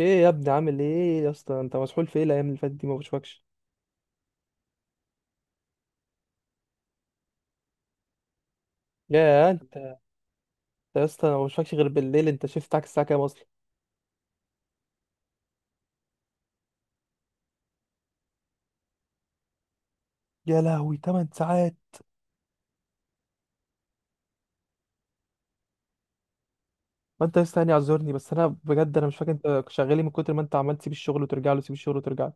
ايه يا ابني، عامل ايه يا اسطى؟ انت مسحول في ايه الايام اللي فاتت دي؟ ما بشوفكش. يا انت يا اسطى، أنا ما بشوفكش غير بالليل. انت شفت بتاعك الساعه كام اصلا؟ يا لهوي، 8 ساعات! ما انت لسه يعني اعذرني، بس انا بجد انا مش فاكر انت شغال إيه من كتر ما انت عمال تسيب الشغل وترجع له، تسيب الشغل وترجع له.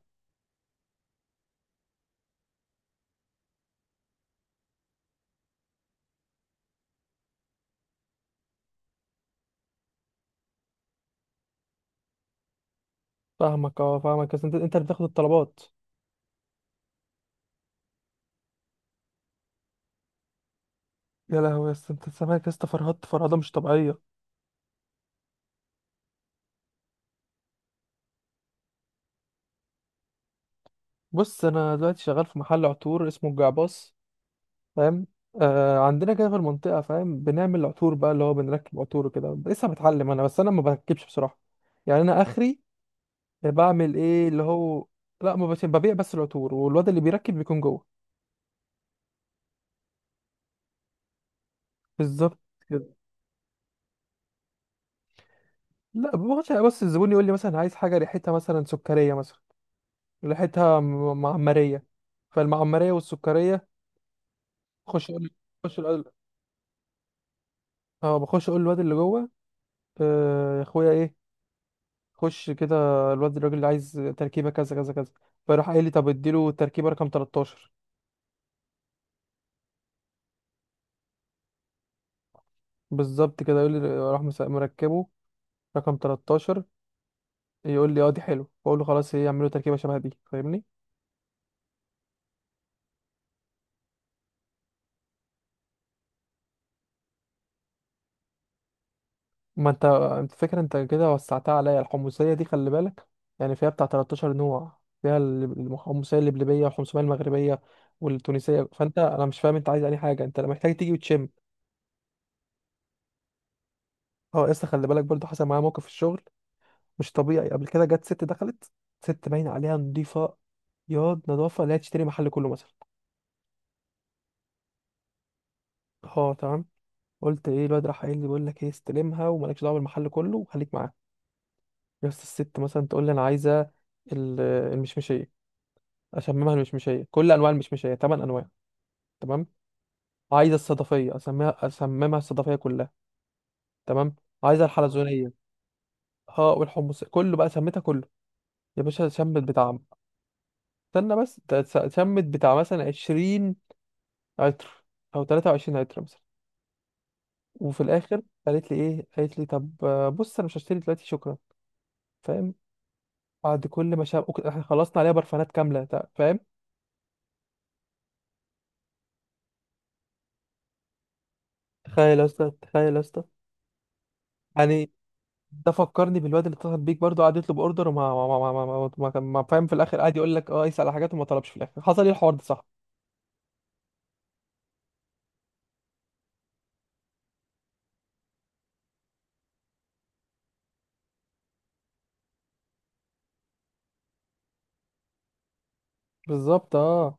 فاهمك، اه فاهمك. بس انت اللي بتاخد الطلبات؟ يا لهوي يا اسطى، انت سامعك يا اسطى، فرهدت فرهده مش طبيعيه. بص، انا دلوقتي شغال في محل عطور اسمه الجعباص، فاهم؟ آه عندنا كده في المنطقة، فاهم، بنعمل عطور بقى، اللي هو بنركب عطور وكده. لسه بتعلم انا، بس انا ما بركبش بصراحة. يعني انا اخري بعمل ايه اللي هو، لا ما بش- ببيع بس العطور، والواد اللي بيركب بيكون جوه. بالظبط كده. لا باخدش. بس الزبون يقول لي مثلا عايز حاجة ريحتها مثلا سكرية مثلا، ريحتها معمرية. فالمعمرية والسكرية، خش اقول، خش اقول. اه بخش اقول للواد اللي جوه: آه يا اخويا، ايه؟ خش كده، الواد الراجل اللي عايز تركيبه كذا كذا كذا. فراح قايل لي: طب اديله التركيبه رقم 13. بالظبط كده. يقول لي راح مركبه رقم 13. يقول لي اه دي حلو، بقول له خلاص ايه، يعملوا تركيبه شبه دي، فاهمني؟ ما انت انت فكره انت كده، وسعتها عليا الحمصيه دي، خلي بالك. يعني فيها بتاع 13 نوع، فيها الحمصيه اللبلبيه، والحمصيه المغربيه، والتونسيه. فانت انا مش فاهم انت عايز اي حاجه، انت محتاج تيجي وتشم. اه لسه، خلي بالك، برضو حصل معايا موقف في الشغل مش طبيعي. قبل كده جت ست دخلت، ست باين عليها نضيفة، ياض نظافة، لا تشتري محل كله مثلا. اه تمام. قلت ايه، الواد راح قايل لي: بقول لك ايه، استلمها ومالكش دعوه بالمحل كله، وخليك معاها. بس الست مثلا تقول لي انا عايزه ال- المشمشيه، اسممها المشمشيه كل انواع المشمشيه، ثمان انواع. تمام. عايزه الصدفيه، اسميها اسممها الصدفيه كلها. تمام. عايزه الحلزونيه، اه والحمص كله بقى، سميتها كله. يا باشا، شمت بتاع، استنى بس، ده شمت بتاع مثلا 20 عطر او 23 عطر مثلا. وفي الاخر قالت لي ايه، قالت لي: طب آه، بص انا مش هشتري دلوقتي، شكرا. فاهم؟ بعد كل ما شاب احنا خلصنا عليها برفانات كامله فاهم. تخيل يا اسطى، تخيل يا اسطى. يعني ده فكرني بالواد اللي اتصل بيك برضه، قعد يطلب اوردر، وما ما ما ما ما, ما, ما, ما فاهم، في الاخر قعد يقول لك اه، يسال على حاجات وما طلبش، في الاخر حصل ايه الحوار ده، صح؟ بالظبط اه.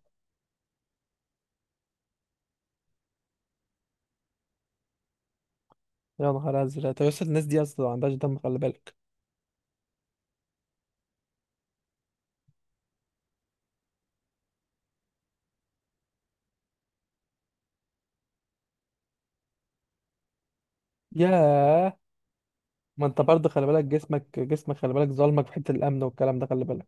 يا نهار ازرق، طب يا اسطى الناس دي اصلا ما عندهاش دم، خلي بالك. ياه. ما انت برضه خلي بالك، جسمك جسمك، خلي بالك ظالمك في حته الامن والكلام ده، خلي بالك.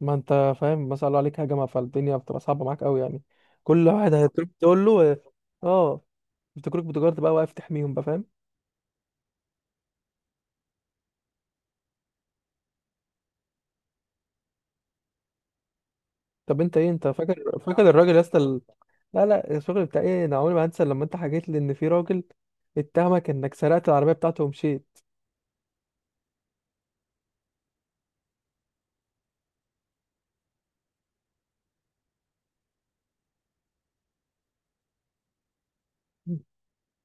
ما انت فاهم مثلا قالوا عليك هجمه، فالدنيا بتبقى صعبه معاك قوي يعني. كل واحد هتروح تقول له اه، افتكروك بتجارة بقى، واقف تحميهم بقى، فاهم؟ طب انت ايه، انت فاكر فاكر الراجل يا اسطى لا لا، الشغل بتاع ايه، انا عمري ما هنسى لما انت حكيت لي ان في راجل اتهمك انك سرقت العربيه بتاعته ومشيت.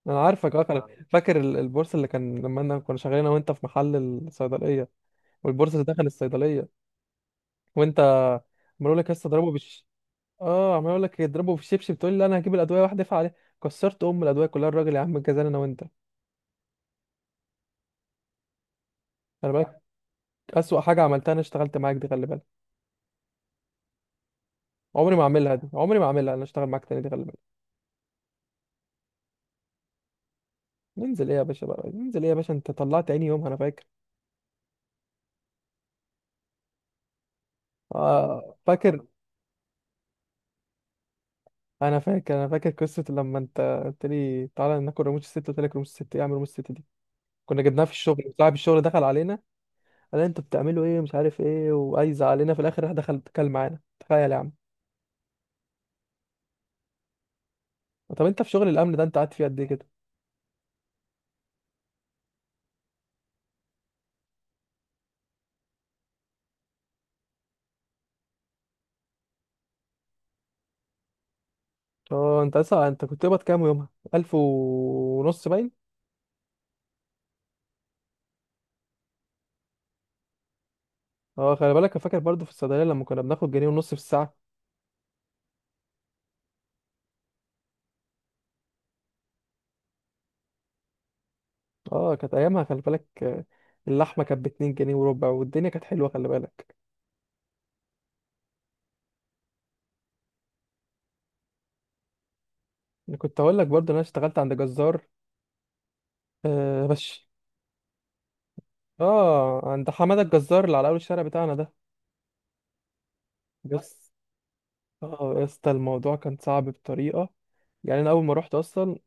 انا عارفك اه فاكر البورصه اللي كان، لما انا كنا شغالين انا وانت في محل الصيدليه، والبورصه دخل الصيدليه، وانت عمال اقول لك يا اسطى اضربه. اه عمال اقول لك يضربه في الشبشب، تقول لي لا انا هجيب الادويه واحده ادفع عليه، كسرت ام الادويه كلها الراجل يا عم، جزانا انا وانت. خلي بالك، اسوأ حاجه عملتها انا اشتغلت معاك دي، خلي بالك. عمري ما اعملها دي، عمري ما اعملها انا اشتغل معاك تاني دي، خلي بالك. ننزل ايه يا باشا بقى، ننزل ايه يا باشا، انت طلعت عيني يوم، انا فاكر. اه فاكر. انا فاكر، انا فاكر قصه لما انت قلت لي تعالى ناكل رموش الست، قلت لك رموش الست ايه، اعمل رموش الست دي؟ كنا جبناها في الشغل، صاحب الشغل دخل علينا، قال لنا انتوا بتعملوا ايه مش عارف ايه، وعايز علينا، في الاخر راح دخل اتكلم معانا، تخيل يا عم. طب انت في شغل الامن ده انت قاعد فيه قد ايه كده؟ اه انت لسه، انت كنت قبض كام يومها، ألف ونص باين. اه خلي بالك، أنا فاكر برضو في الصيدلية لما كنا بناخد جنيه ونص في الساعة. اه كانت أيامها، خلي بالك آه، اللحمة كانت باتنين جنيه وربع، والدنيا كانت حلوة، خلي بالك. أنا كنت هقول لك برضو إن أنا اشتغلت عند جزار، آه بس. اه عند حمادة الجزار اللي على أول الشارع بتاعنا ده. بس اه يا اسطى، الموضوع كان صعب بطريقة. يعني أنا أول ما رحت أصلا،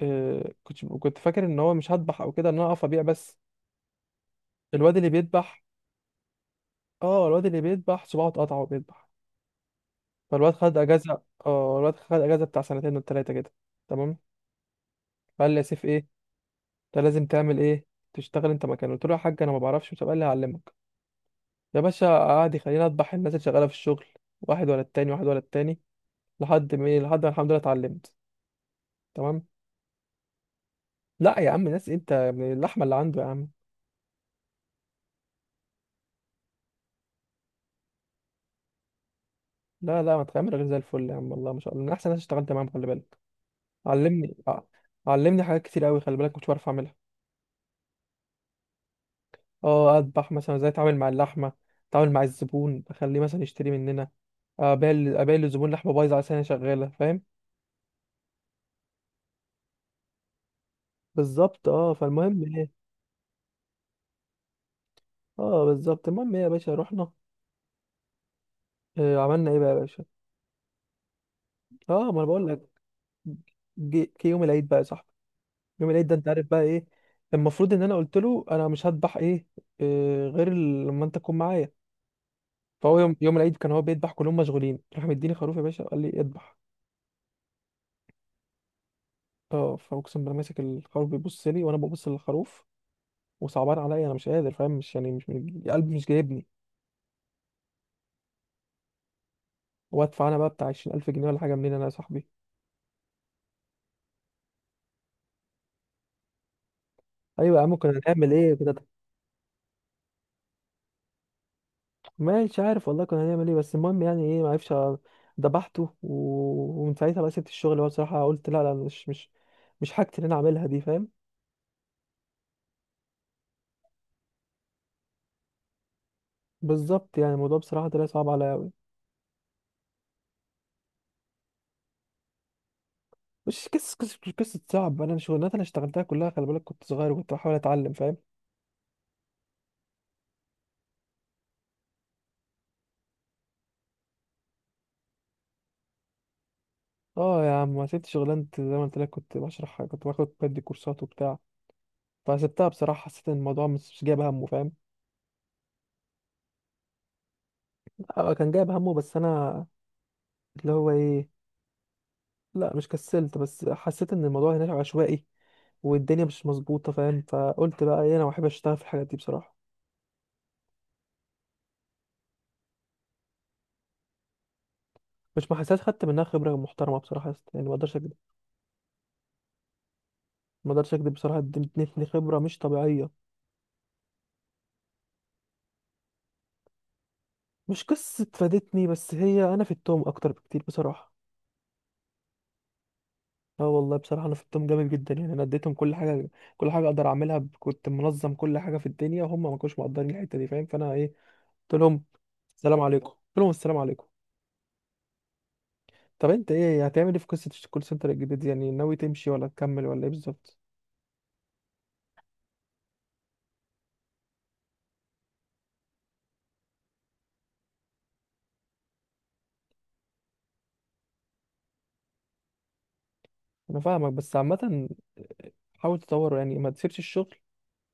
آه كنت فاكر إن هو مش هذبح أو كده، إن أنا أقف أبيع بس. الواد اللي بيذبح، اه الواد اللي بيذبح صباعه اتقطع وهو بيذبح، فالواد خد اجازه، اه الواد خد اجازه بتاع سنتين ولا ثلاثه كده. تمام. فقال لي: يا سيف ايه، انت لازم تعمل ايه، تشتغل انت مكانه. قلت له يا حاج انا ما بعرفش، مش قال لي هعلمك. يا باشا، قعد يخليني اذبح الناس اللي شغاله في الشغل، واحد ورا التاني، واحد ورا التاني، لحد ما ايه، لحد ما الحمد لله اتعلمت. تمام. لا يا عم، ناس انت من اللحمه اللي عنده يا عم. لا لا، ما تخمر غير زي الفل يا عم، والله ما شاء الله من احسن ناس اشتغلت معاهم، خلي بالك. علمني ع- علمني حاجات كتير قوي، خلي بالك كنت بعرف اعملها. اه اذبح مثلا، ازاي اتعامل مع اللحمه، اتعامل مع الزبون اخليه مثلا يشتري مننا، ابيع للزبون لحمه بايظه على سنه شغاله، فاهم؟ بالظبط اه. فالمهم ايه، اه بالظبط، المهم ايه يا باشا، رحنا، آه عملنا ايه بقى يا باشا. اه ما انا بقول لك. جه يوم العيد بقى يا صاحبي، يوم العيد ده انت عارف بقى ايه. المفروض ان انا قلت له انا مش هذبح ايه، آه غير لما انت تكون معايا. فهو يوم العيد كان هو بيذبح، كلهم مشغولين، راح مديني خروف يا باشا، قال لي اذبح. اه فاقسم بالله، ماسك الخروف، بيبص لي وانا ببص للخروف، وصعبان عليا، انا مش قادر، فاهم، مش يعني مش قلبي مش جايبني. وادفع انا بقى بتاع 20000 جنيه ولا حاجه، منين انا يا صاحبي؟ ايوه يا عم كنا هنعمل ايه كده. مش عارف والله كنا هنعمل ايه، بس المهم يعني ايه، ما عرفش ذبحته و... ومن ساعتها بقى سبت الشغل هو بصراحه، قلت لا لا، مش حاجتي اللي انا اعملها دي، فاهم؟ بالظبط. يعني الموضوع بصراحه طلع صعب عليا قوي. مش قصه، قصه قصه صعب. انا الشغلانات اللي اشتغلتها كلها خلي بالك كنت صغير، وكنت بحاول اتعلم، فاهم؟ اه يا عم، ما سبت شغلانتي زي ما قلت لك، كنت بشرح، كنت باخد بدي كورسات وبتاع. فسبتها بصراحة، حسيت ان الموضوع مش جايب همه، فاهم. آه، كان جايب همه بس انا، اللي هو ايه. لا مش كسلت، بس حسيت ان الموضوع هناك عشوائي، والدنيا مش مظبوطة، فاهم؟ فقلت بقى ايه، انا ما بحبش اشتغل في الحاجات دي بصراحة. مش ما حسيت، خدت منها خبرة محترمة بصراحة يا اسطى. يعني ما اقدرش اكذب. ما اقدرش اكذب بصراحة، ادتني خبرة مش طبيعية. مش قصة فادتني، بس هي انا في التوم اكتر بكتير بصراحة. اه والله بصراحة، انا في التوم جامد جدا، يعني انا اديتهم كل حاجة، كل حاجة اقدر اعملها كنت منظم كل حاجة في الدنيا، وهم ما كانوش مقدرين الحتة دي، فاهم؟ فانا ايه، قلت لهم السلام عليكم، قلت لهم السلام عليكم. طب انت ايه، هتعمل ايه في قصه الكول سنتر الجديد دي؟ يعني ناوي تمشي ولا تكمل ولا ايه بالظبط؟ انا فاهمك، بس عامه حاول تطوره، يعني ما تسيبش الشغل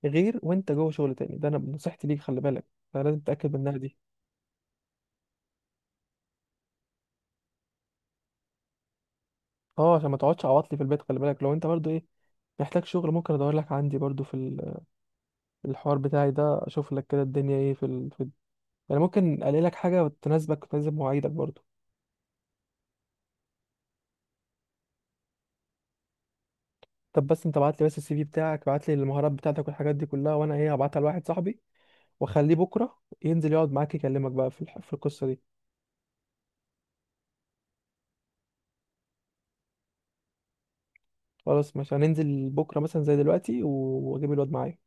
غير وانت جوه شغل تاني، ده انا نصيحتي ليك، خلي بالك، فلازم تتاكد منها دي. اه عشان ما تقعدش عواطلي في البيت، خلي بالك. لو انت برضو ايه محتاج شغل، ممكن ادور لك عندي برضو في في الحوار بتاعي ده، اشوف لك كده الدنيا ايه يعني ممكن الاقي لك حاجه تناسبك وتناسب مواعيدك برضو. طب بس انت ابعت لي بس السي في بتاعك، ابعت لي المهارات بتاعتك والحاجات دي كلها، وانا ايه، هبعتها لواحد صاحبي، واخليه بكره ينزل يقعد معاك يكلمك بقى في في القصه دي. خلاص ماشي، هننزل بكره مثلا زي دلوقتي واجيب الواد معايا.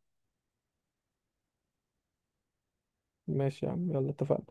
ماشي يا عم، يلا اتفقنا.